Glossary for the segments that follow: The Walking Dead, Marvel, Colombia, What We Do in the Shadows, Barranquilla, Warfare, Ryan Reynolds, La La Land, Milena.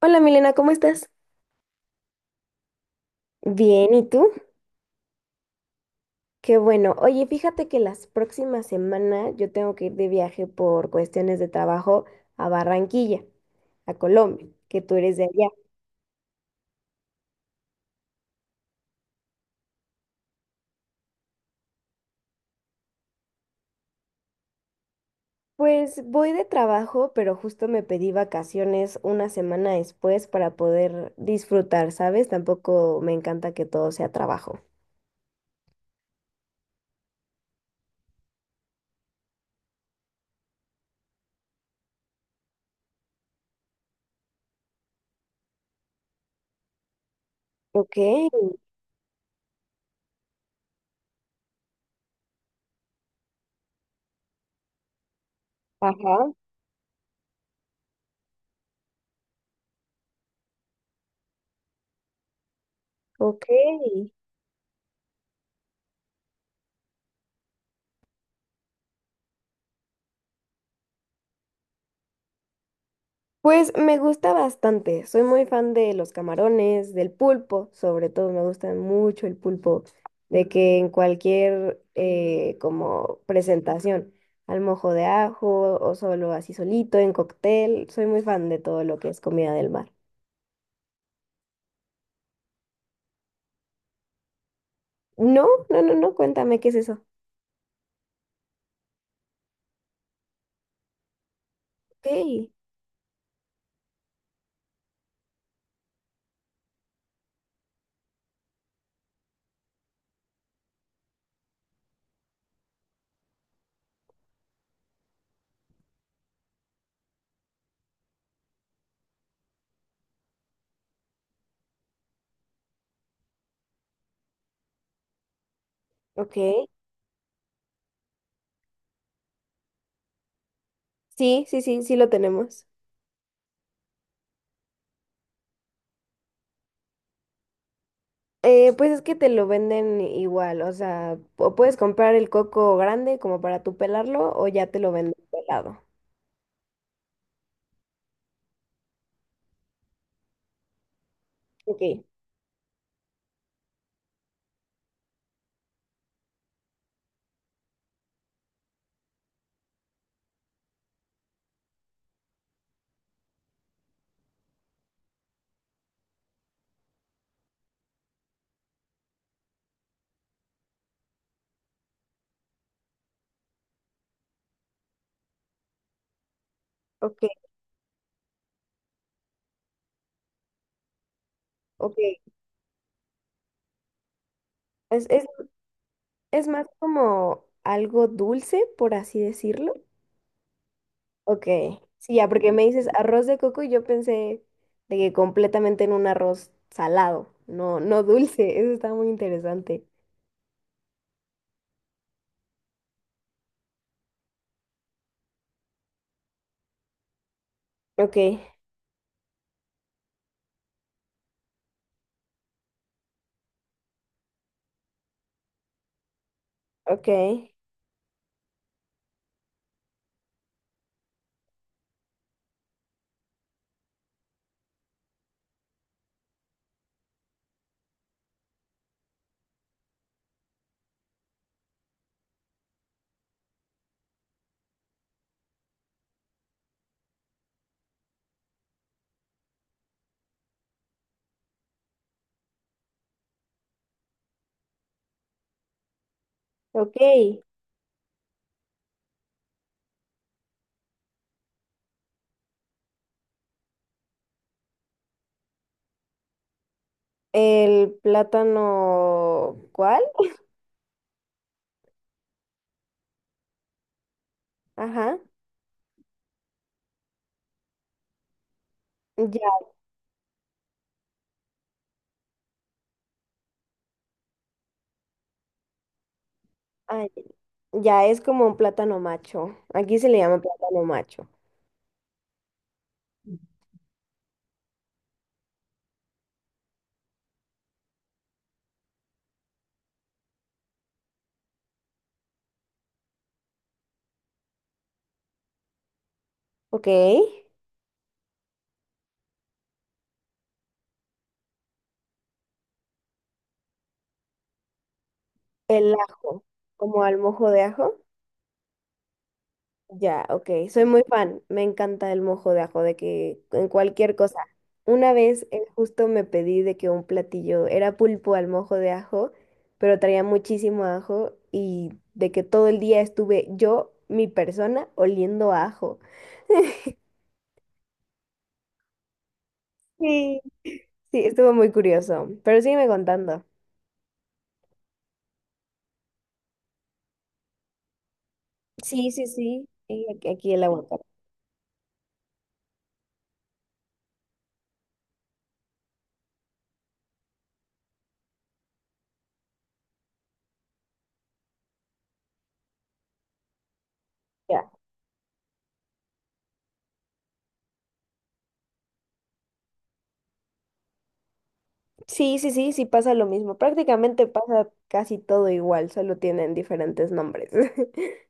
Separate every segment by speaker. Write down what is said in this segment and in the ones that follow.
Speaker 1: Hola Milena, ¿cómo estás? Bien, ¿y tú? Qué bueno. Oye, fíjate que las próximas semanas yo tengo que ir de viaje por cuestiones de trabajo a Barranquilla, a Colombia, que tú eres de allá. Pues voy de trabajo, pero justo me pedí vacaciones una semana después para poder disfrutar, ¿sabes? Tampoco me encanta que todo sea trabajo. Ok, ajá, ok. Pues me gusta bastante, soy muy fan de los camarones, del pulpo, sobre todo me gusta mucho el pulpo, de que en cualquier como presentación, al mojo de ajo o solo así solito, en cóctel, soy muy fan de todo lo que es comida del mar. No, no, no, no, cuéntame qué es eso. Ok, ok, sí, sí, sí, sí lo tenemos. Pues es que te lo venden igual, o sea, o puedes comprar el coco grande como para tú pelarlo o ya te lo venden pelado. Ok, ok, ok. Es, es, es más como algo dulce, por así decirlo. Ok, sí, ya, porque me dices arroz de coco y yo pensé de que completamente en un arroz salado, no, no dulce. Eso está muy interesante. Ok, ok, ok. El plátano, ¿cuál? Ajá. Ya, ah, ya es como un plátano macho. Aquí se le llama plátano macho. Ok. El ajo, como al mojo de ajo. Ya, ok. Soy muy fan. Me encanta el mojo de ajo, de que en cualquier cosa. Una vez justo me pedí de que un platillo era pulpo al mojo de ajo, pero traía muchísimo ajo y de que todo el día estuve yo, mi persona, oliendo a ajo. Sí. Sí, estuvo muy curioso. Pero sígueme contando. Sí, sí, sí, y aquí, aquí el aguacate. Ya. Sí, sí, sí, sí pasa lo mismo. Prácticamente pasa casi todo igual, solo tienen diferentes nombres.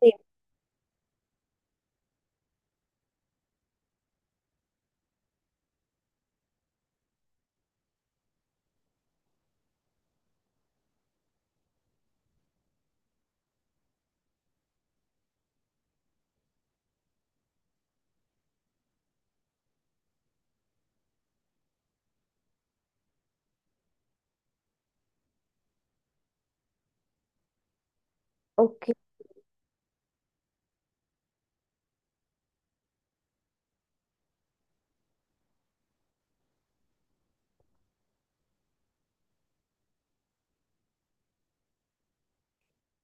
Speaker 1: Sí, ok.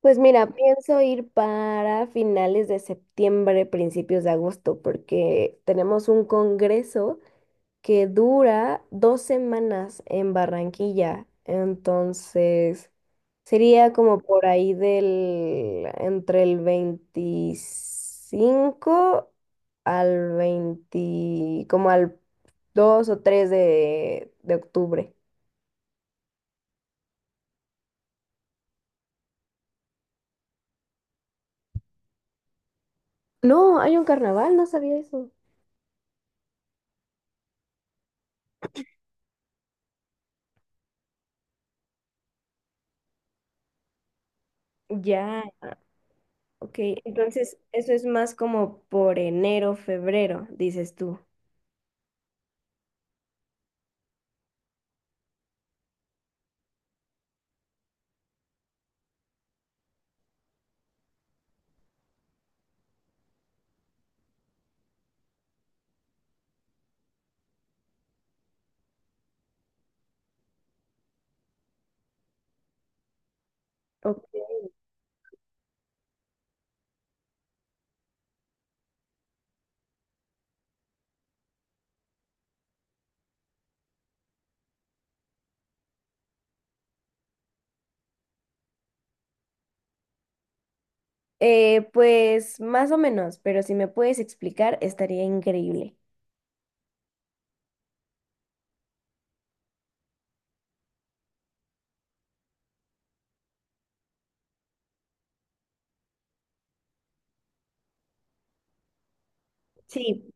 Speaker 1: Pues mira, pienso ir para finales de septiembre, principios de agosto, porque tenemos un congreso que dura dos semanas en Barranquilla. Entonces, sería como por ahí del, entre el 25 al 20, como al 2 o 3 de octubre. No, hay un carnaval, no sabía eso. Ya. Ok, entonces eso es más como por enero, febrero, dices tú. Ok. Pues más o menos, pero si me puedes explicar, estaría increíble. Sí,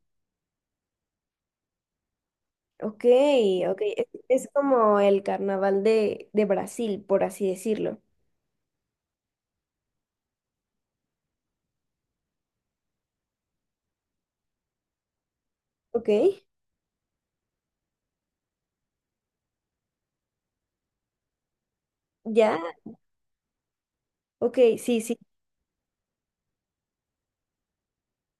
Speaker 1: ok, ok. Es como el carnaval de Brasil, por así decirlo. Ok, ya, ok, sí, sí.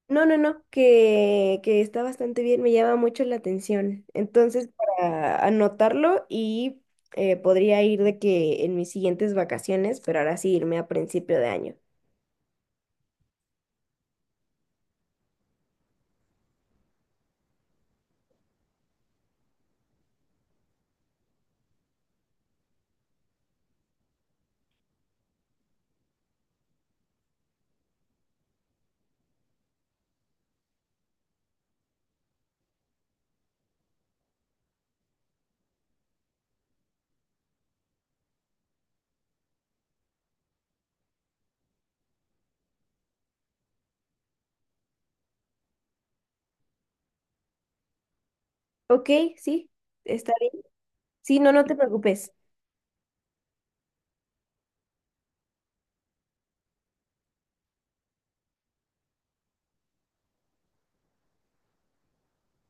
Speaker 1: No, no, no, que está bastante bien, me llama mucho la atención. Entonces, para anotarlo y podría ir de que en mis siguientes vacaciones, pero ahora sí irme a principio de año. Ok, sí, está bien. Sí, no, no te preocupes.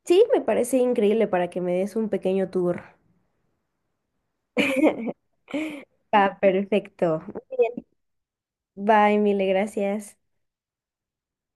Speaker 1: Sí, me parece increíble para que me des un pequeño tour. Va, perfecto. Muy bien. Bye, mil gracias.